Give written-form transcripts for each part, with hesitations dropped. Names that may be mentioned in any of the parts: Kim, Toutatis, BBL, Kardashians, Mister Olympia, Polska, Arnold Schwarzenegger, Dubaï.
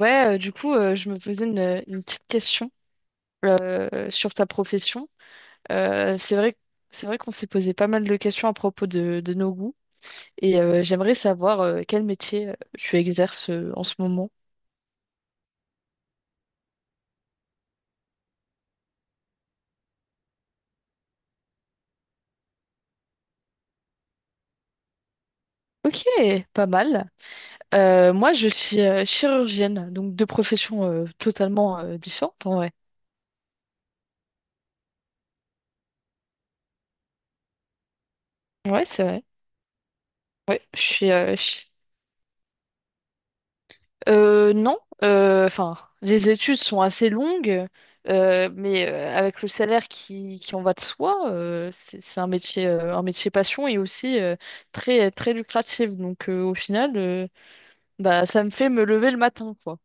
Ouais, du coup, je me posais une petite question sur ta profession. C'est vrai, c'est vrai qu'on s'est posé pas mal de questions à propos de nos goûts et j'aimerais savoir quel métier tu exerces en ce moment. Ok, pas mal. Moi, je suis chirurgienne, donc deux professions totalement différentes en vrai. Ouais, c'est vrai. Ouais, je suis, non, enfin, les études sont assez longues, mais avec le salaire qui en va de soi, c'est un métier, un métier passion et aussi très, très lucratif. Donc au final, bah, ça me fait me lever le matin, quoi.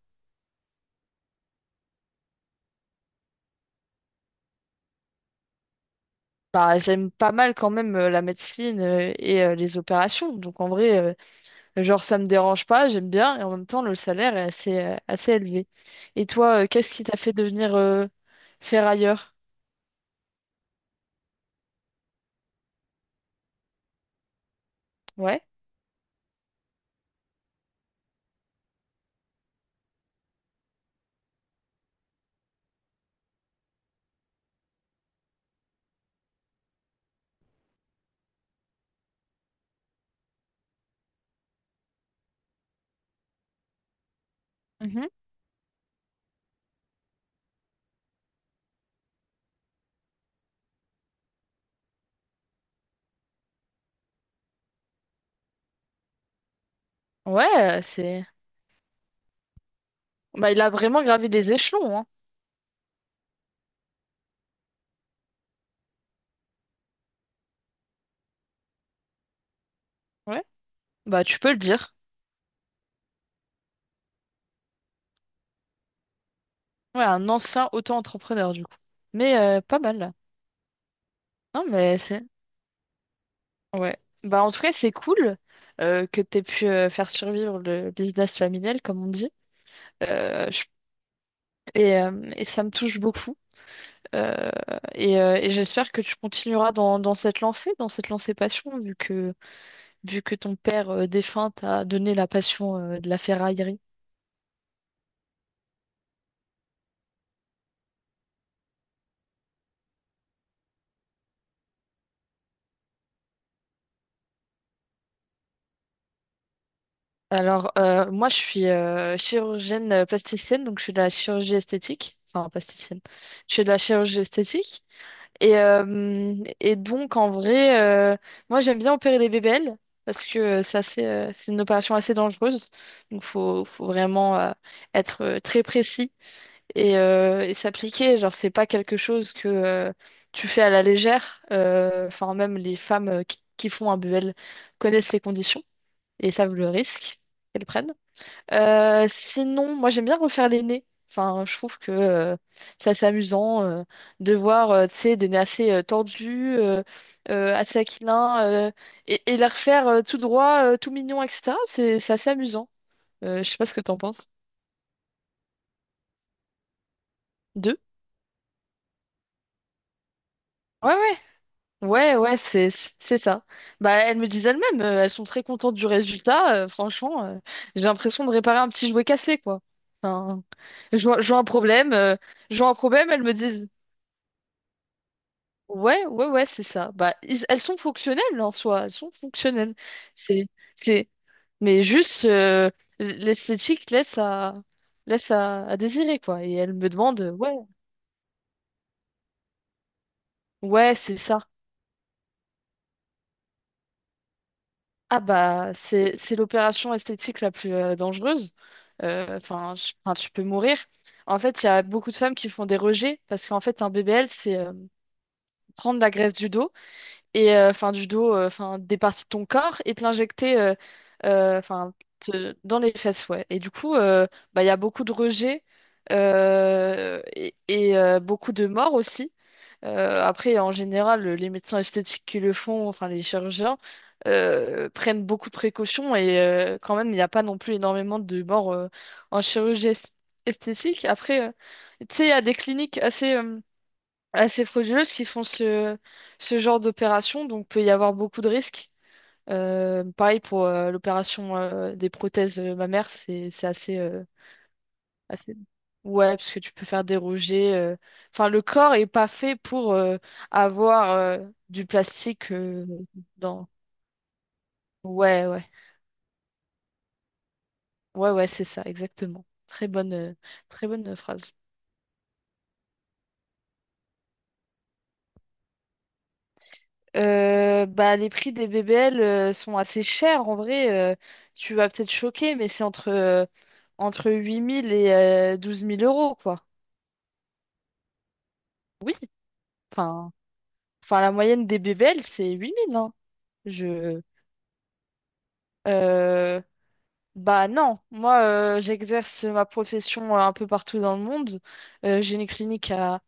Bah, j'aime pas mal quand même la médecine et les opérations. Donc en vrai, genre ça me dérange pas, j'aime bien et en même temps le salaire est assez élevé. Et toi, qu'est-ce qui t'a fait devenir ferrailleur? Ouais. Ouais, c'est. Bah, il a vraiment gravé des échelons, hein. Ouais. Bah, tu peux le dire. Ouais, un ancien auto-entrepreneur, du coup. Mais pas mal, là. Non, mais c'est. Ouais. Bah, en tout cas, c'est cool que t'aies pu faire survivre le business familial, comme on dit. Euh, je- et ça me touche beaucoup. Euh, et j'espère que tu continueras dans cette lancée passion, vu que ton père défunt t'a donné la passion de la ferraille. Alors, moi, je suis chirurgienne plasticienne, donc je suis de la chirurgie esthétique. Enfin, plasticienne. Je suis de la chirurgie esthétique. Et, euh, et donc, en vrai, euh, moi, j'aime bien opérer des bébelles parce que c'est c'est une opération assez dangereuse. Donc, faut vraiment être très précis et s'appliquer. Genre, c'est pas quelque chose que tu fais à la légère. Enfin, même les femmes qui font un BBL connaissent ces conditions et savent le risque qu'elles prennent. Sinon, moi j'aime bien refaire les nez. Enfin, je trouve que c'est assez amusant de voir, tu sais, des nez assez tordus, assez aquilins, et les refaire tout droit, tout mignon, etc. C'est assez amusant. Je sais pas ce que t'en penses. Deux? Ouais, ouais. Ouais, ouais, c'est ça. Bah, elles me disent elles-mêmes, elles sont très contentes du résultat. Franchement, j'ai l'impression de réparer un petit jouet cassé, quoi. Enfin, je vois un problème, je vois un problème, elles me disent. Ouais, ouais, ouais, c'est ça. Bah, elles sont fonctionnelles en soi, elles sont fonctionnelles. C'est, c'est, mais juste l'esthétique à désirer quoi. Et elle me demande, ouais, ouais, c'est ça. Ah bah, c'est l'opération esthétique la plus dangereuse. Enfin, tu peux mourir. En fait, il y a beaucoup de femmes qui font des rejets parce qu'en fait, un BBL, c'est prendre la graisse du dos et enfin du dos, enfin des parties de ton corps et te l'injecter enfin dans les fesses, ouais. Et du coup, bah il y a beaucoup de rejets et beaucoup de morts aussi. Après, en général, les médecins esthétiques qui le font, enfin les chirurgiens, prennent beaucoup de précautions et quand même, il n'y a pas non plus énormément de morts en esthétique. Après, tu sais, il y a des cliniques assez frauduleuses qui font ce genre d'opération, donc peut y avoir beaucoup de risques. Pareil pour l'opération des prothèses mammaires, c'est assez... Ouais, parce que tu peux faire déroger. Enfin, le corps est pas fait pour avoir du plastique dans... Ouais, ouais. Ouais, ouais, c'est ça, exactement. Très bonne phrase. Bah, les prix des BBL sont assez chers en vrai. Tu vas peut-être choquer, mais c'est entre 8 000 et 12 000 euros, quoi. Oui, enfin, enfin la moyenne des BBL, c'est 8 000, hein. Je... euh, bah non, moi j'exerce ma profession un peu partout dans le monde. J'ai une clinique à,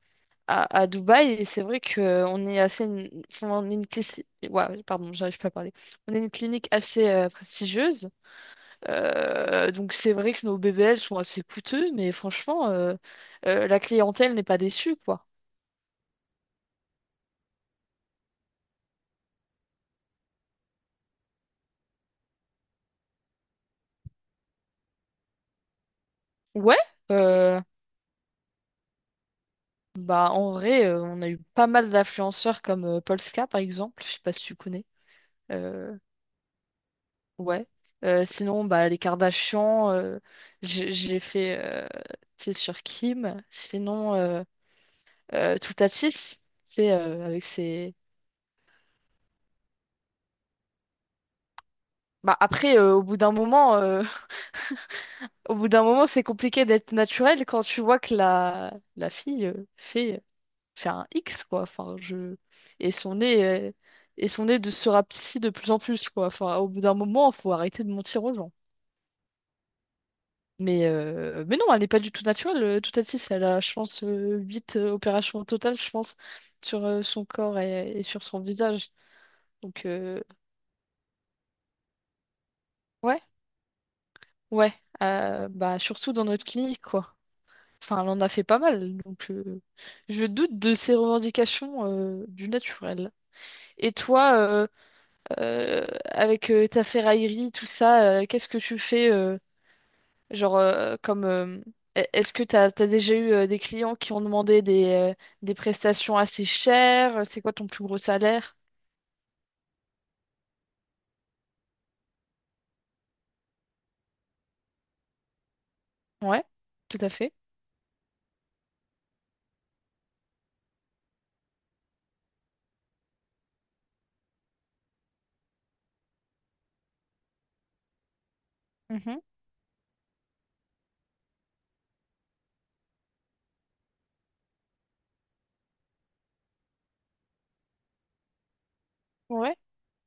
à, à Dubaï et c'est vrai qu'on est assez... enfin, on est une... Ouais, pardon, j'arrive pas à parler. On est une clinique assez prestigieuse. Donc c'est vrai que nos BBL sont assez coûteux, mais franchement, la clientèle n'est pas déçue, quoi. Ouais, euh, bah en vrai, on a eu pas mal d'influenceurs comme Polska, par exemple, je sais pas si tu connais. Euh, ouais. Sinon, bah les Kardashians, j'ai fait, c'est sur Kim. Sinon, Toutatis, c'est avec ses... Bah après, au bout d'un moment... Au bout d'un moment, c'est compliqué d'être naturel quand tu vois que la fille fait un X, quoi. Enfin, je... Et son nez, et son nez de se rapetisser de plus en plus, quoi. Enfin, au bout d'un moment, faut arrêter de mentir aux gens. Mais mais non, elle n'est pas du tout naturelle, toute six. Elle a, je pense, 8 opérations au total, je pense, sur son corps et sur son visage. Donc, ouais, ouais. Bah, surtout dans notre clinique, quoi. Enfin, elle en a fait pas mal, donc je doute de ses revendications du naturel. Et toi, avec ta ferraillerie, tout ça, qu'est-ce que tu fais genre comme est-ce que t'as déjà eu des clients qui ont demandé euh, des prestations assez chères? C'est quoi ton plus gros salaire? Ouais, tout à fait. Mhm. Ouais.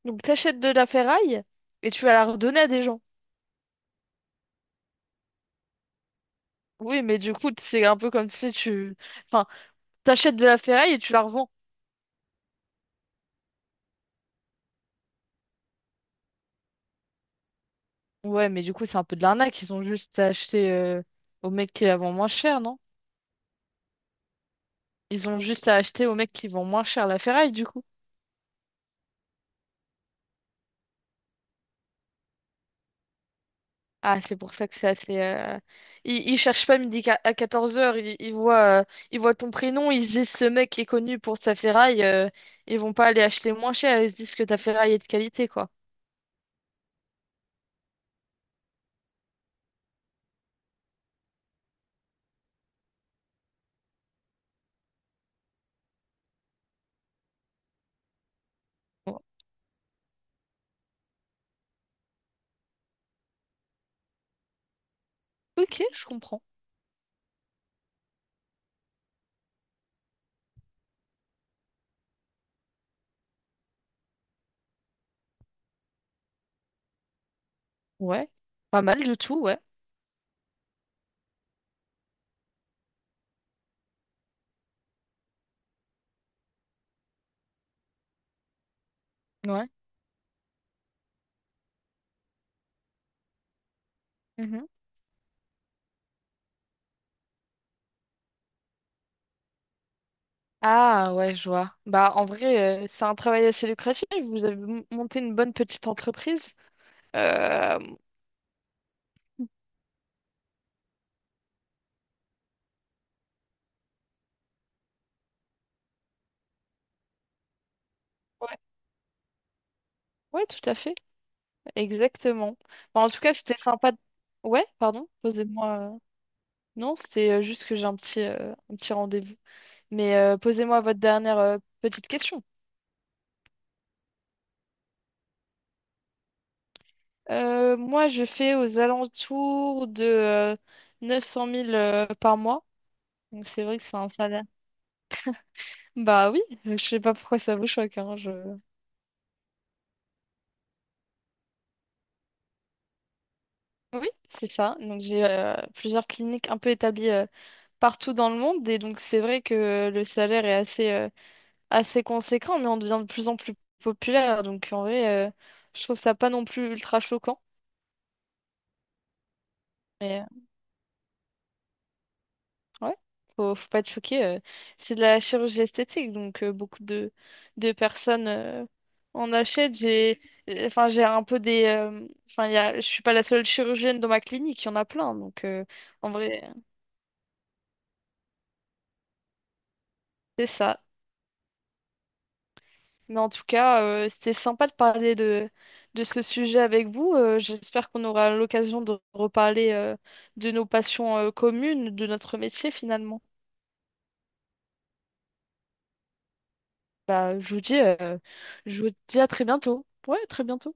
Donc t'achètes de la ferraille et tu vas la redonner à des gens. Oui, mais du coup, c'est un peu comme si tu... Enfin, t'achètes de la ferraille et tu la revends. Ouais, mais du coup, c'est un peu de l'arnaque. Ils ont juste à acheter au mec qui la vend moins cher, non? Ils ont juste à acheter au mec qui vend moins cher la ferraille, du coup. Ah, c'est pour ça que c'est assez. Ils, ils cherchent pas midi à 14 heures, ils, ils voient ton prénom, ils se disent ce mec est connu pour sa ferraille, ils vont pas aller acheter moins cher, ils se disent que ta ferraille est de qualité, quoi. Bon. Ok, je comprends. Ouais. Pas mal du tout, ouais. Ouais. Ah ouais, je vois. Bah en vrai, c'est un travail assez lucratif. Vous avez monté une bonne petite entreprise. Euh, ouais, ouais, tout à fait. Exactement. Bah, en tout cas, c'était sympa. Ouais, pardon. Posez-moi. Non, c'était juste que j'ai un petit, un petit rendez-vous. Mais posez-moi votre dernière petite question. Moi, je fais aux alentours de 900000 par mois. Donc c'est vrai que c'est un salaire. Bah oui, je sais pas pourquoi ça vous choque, hein, je... Oui, c'est ça. Donc j'ai plusieurs cliniques un peu établies partout dans le monde et donc c'est vrai que le salaire est assez assez conséquent, mais on devient de plus en plus populaire. Donc en vrai, je trouve ça pas non plus ultra choquant. Mais ouais, faut pas être choqué. C'est de la chirurgie esthétique, donc beaucoup de personnes en achètent. J'ai enfin j'ai un peu des enfin il y a je suis pas la seule chirurgienne dans ma clinique, il y en a plein. Donc en vrai, c'est ça. Mais en tout cas, c'était sympa de parler de ce sujet avec vous. J'espère qu'on aura l'occasion de reparler de nos passions communes, de notre métier finalement. Bah, je vous dis à très bientôt. Ouais, à très bientôt.